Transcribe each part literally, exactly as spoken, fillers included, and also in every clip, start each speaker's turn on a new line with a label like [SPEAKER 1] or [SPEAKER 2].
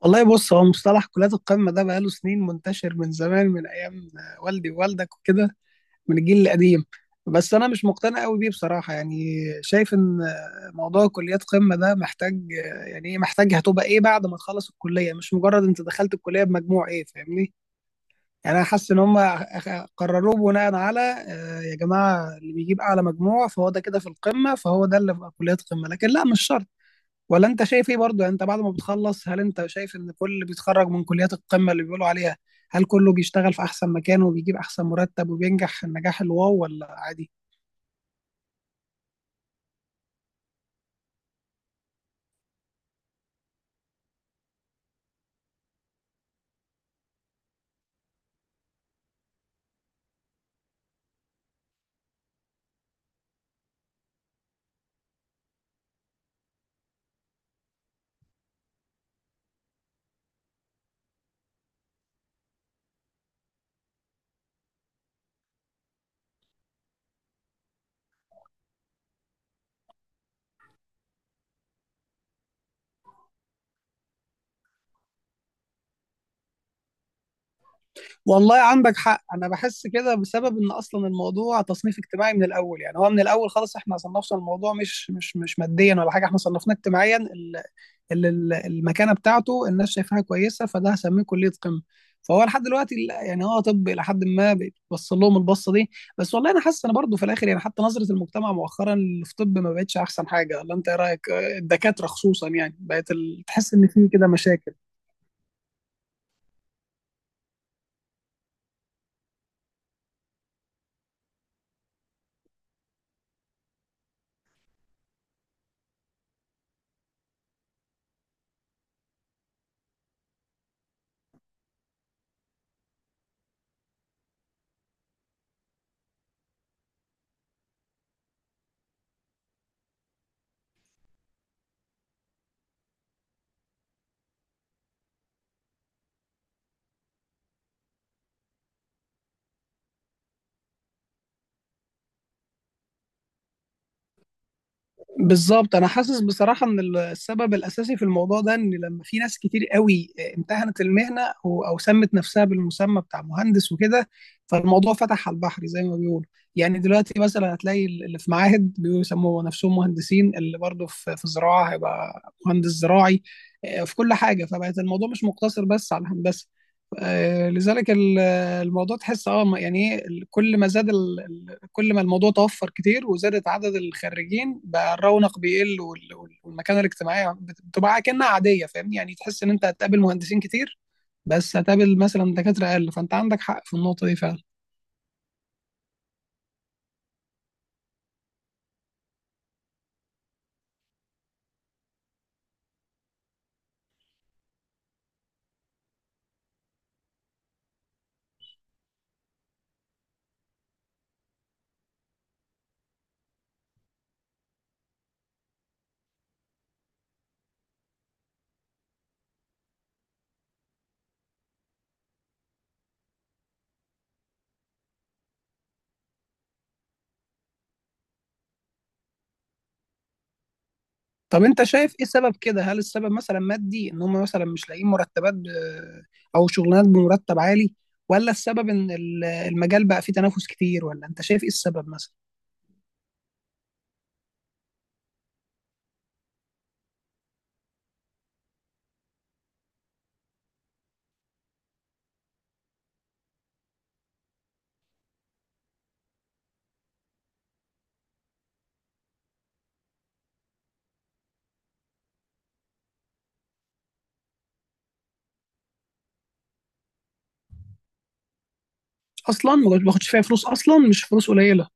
[SPEAKER 1] والله بص هو مصطلح كليات القمة ده بقاله سنين منتشر من زمان من أيام والدي ووالدك وكده من الجيل القديم. بس أنا مش مقتنع قوي بيه بصراحة، يعني شايف إن موضوع كليات قمة ده محتاج يعني إيه، محتاج هتبقى إيه بعد ما تخلص الكلية، مش مجرد أنت دخلت الكلية بمجموع إيه، فاهمني؟ يعني أنا حاسس إن هم قرروه بناء على آه، يا جماعة اللي بيجيب أعلى مجموع فهو ده كده في القمة، فهو ده اللي في كليات قمة، لكن لا مش شرط. ولا انت شايف ايه برضه؟ يعني انت بعد ما بتخلص هل انت شايف ان كل اللي بيتخرج من كليات القمة اللي بيقولوا عليها هل كله بيشتغل في احسن مكان وبيجيب احسن مرتب وبينجح النجاح الواو ولا عادي؟ والله عندك حق، انا بحس كده بسبب ان اصلا الموضوع تصنيف اجتماعي من الاول، يعني هو من الاول خالص احنا صنفنا الموضوع مش مش مش ماديا ولا حاجة، احنا صنفناه اجتماعيا. اللي ال- المكانه بتاعته الناس شايفاها كويسه فده هسميه كليه قمه. فهو لحد دلوقتي لا- يعني هو طب الى حد ما بيبص لهم البصه دي. بس والله انا حاسس انا برضو في الاخر، يعني حتى نظره المجتمع مؤخرا اللي في طب ما بقتش احسن حاجه، ولا انت ايه رايك؟ آه، الدكاتره خصوصا، يعني بقت ال- تحس ان في كده مشاكل. بالظبط، انا حاسس بصراحه ان ال- السبب الاساسي في الموضوع ده ان لما في ناس كتير قوي امتهنت المهنه او أو سمت نفسها بالمسمى بتاع مهندس وكده، فالموضوع فتح على البحر زي ما بيقولوا. يعني دلوقتي مثلا هتلاقي اللي في معاهد بيسموا نفسهم مهندسين، اللي برضه في في زراعه هيبقى مهندس زراعي، آه، في كل حاجه، فبقت الموضوع مش مقتصر بس على الهندسه. آه، لذلك الموضوع تحس اه ما- يعني ايه ال- كل ما زاد ال... ال- كل ما الموضوع توفر كتير وزادت عدد الخريجين بقى الرونق بيقل وال... وال- والمكانه الاجتماعيه بت- بتبقى كأنها عاديه، فاهمني؟ يعني تحس ان انت هتقابل مهندسين كتير، بس هتقابل مثلا دكاتره اقل، فانت عندك حق في النقطه دي فعلا. طب انت شايف ايه السبب كده؟ هل السبب مثلا مادي ان هم مثلا مش لاقيين مرتبات ب... او شغلانات بمرتب عالي؟ ولا السبب ان ال- المجال بقى فيه تنافس كتير؟ ولا انت شايف ايه السبب مثلا؟ اصلا ما باخدش فيها فلوس، اصلا مش فلوس قليله.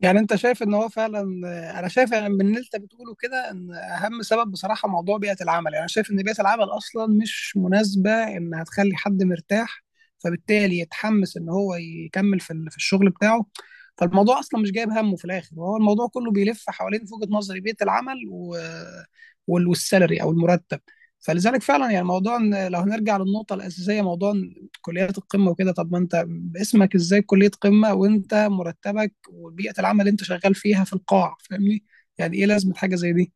[SPEAKER 1] يعني انت شايف ان هو فعلا، انا شايف يعني من اللي انت بتقوله كده ان اهم سبب بصراحه موضوع بيئه العمل، يعني انا شايف ان بيئه العمل اصلا مش مناسبه انها تخلي حد مرتاح، فبالتالي يتحمس ان هو يكمل في ال- في الشغل بتاعه. فالموضوع اصلا مش جايب همه في الاخر، وهو الموضوع كله بيلف حوالين في وجهه نظري بيئه العمل و... وال- والسالري او المرتب. فلذلك فعلا يعني موضوع ان لو هنرجع للنقطه الاساسيه موضوع كليات القمه وكده، طب ما انت اسمك ازاي كليه قمه وانت مرتبك وبيئه العمل اللي انت شغال فيها في القاع؟ فاهمني؟ يعني ايه لازمه حاجه زي دي؟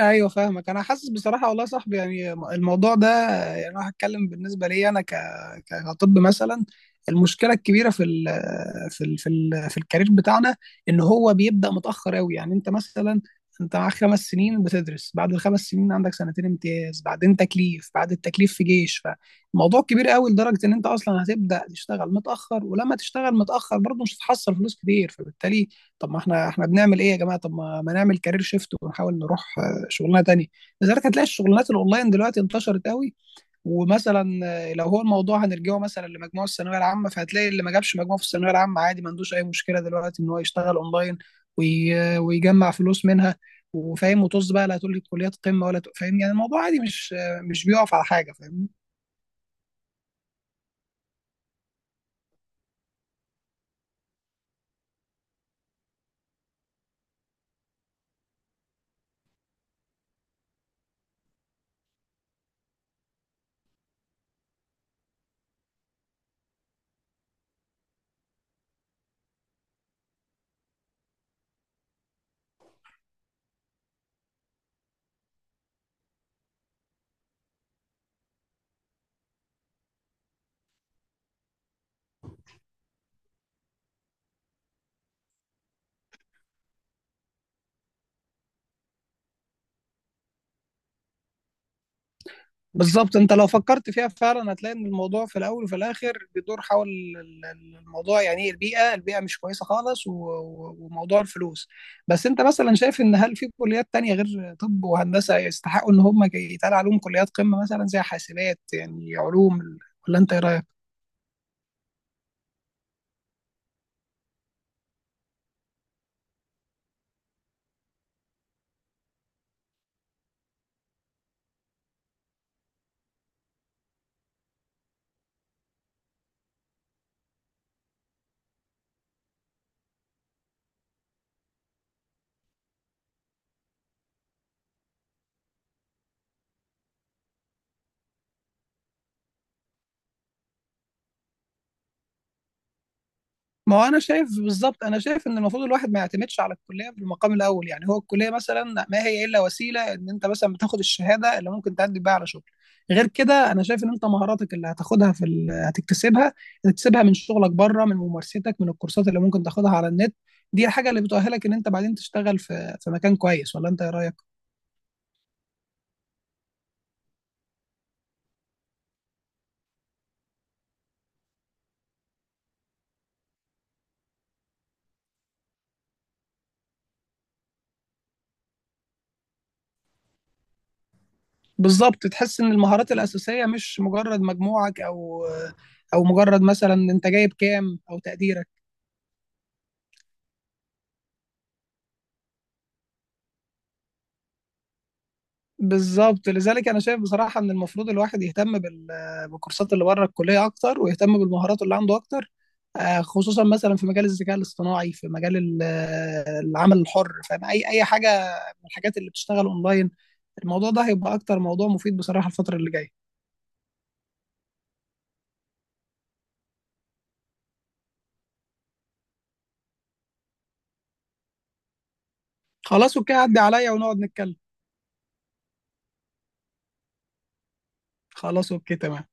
[SPEAKER 1] ايوه فاهمك، انا حاسس بصراحه والله يا صاحبي يعني الموضوع ده، يعني انا هتكلم بالنسبه لي انا ك ك- كطب مثلا. المشكله الكبيره في ال في ال في ال في الكارير بتاعنا ان هو بيبدا متاخر قوي، يعني انت مثلا انت معاك خمس سنين بتدرس، بعد الخمس سنين عندك سنتين امتياز، بعدين تكليف، بعد التكليف في جيش. فالموضوع كبير قوي لدرجه ان انت اصلا هتبدا تشتغل متاخر، ولما تشتغل متاخر برضه مش هتحصل فلوس كتير، فبالتالي طب ما احنا احنا بنعمل ايه يا جماعه؟ طب ما ما نعمل كارير شيفت ونحاول نروح شغلانه تانية. لذلك هتلاقي الشغلانات الاونلاين دلوقتي انتشرت قوي، ومثلا آه، لو هو الموضوع هنرجعه مثلا لمجموع الثانويه العامه فهتلاقي اللي ما جابش مجموع في الثانويه العامه عادي، ما عندوش اي مشكله دلوقتي ان هو يشتغل اونلاين وي... ويجمع فلوس منها وفاهم، وطز بقى، لا تقول لي كليات قمه ولا ت- فاهم، يعني الموضوع عادي، مش آه، مش بيقف على حاجه فاهم. بالظبط، انت لو فكرت فيها فعلا هتلاقي ان الموضوع في الاول وفي الاخر بيدور حول ال- ال- الموضوع يعني ايه البيئه، البيئه مش كويسه خالص و- و- وموضوع الفلوس. بس انت مثلا شايف ان هل في كليات تانية غير طب وهندسه يستحقوا ان هم يتقال عليهم كليات قمه، مثلا زي حاسبات يعني علوم؟ ولا انت ايه رايك؟ ما هو انا شايف بالظبط، انا شايف ان المفروض الواحد ما يعتمدش على الكليه في المقام الاول، يعني هو الكليه مثلا ما هي الا وسيله ان انت مثلا بتاخد الشهاده اللي ممكن تعدي بيها على شغل. غير كده انا شايف ان انت مهاراتك اللي هتاخدها في ال... هتكتسبها، هتكتسبها من شغلك بره، من ممارستك، من الكورسات اللي ممكن تاخدها على النت، دي الحاجه اللي بتؤهلك ان انت بعدين تشتغل في في مكان كويس، ولا انت ايه رايك؟ بالظبط، تحس ان المهارات الاساسيه مش مجرد مجموعك او او مجرد مثلا انت جايب كام او تقديرك. بالظبط، لذلك انا شايف بصراحه ان المفروض الواحد يهتم بال- بالكورسات اللي بره الكليه اكتر، ويهتم بالمهارات اللي عنده اكتر، آه، خصوصا مثلا في مجال الذكاء الاصطناعي، في مجال ال- آه، العمل الحر، فاهم اي اي حاجه من الحاجات اللي بتشتغل اونلاين، الموضوع ده هيبقى اكتر موضوع مفيد بصراحه الفتره اللي جايه. خلاص اوكي، عدي عليا ونقعد نتكلم. خلاص اوكي تمام.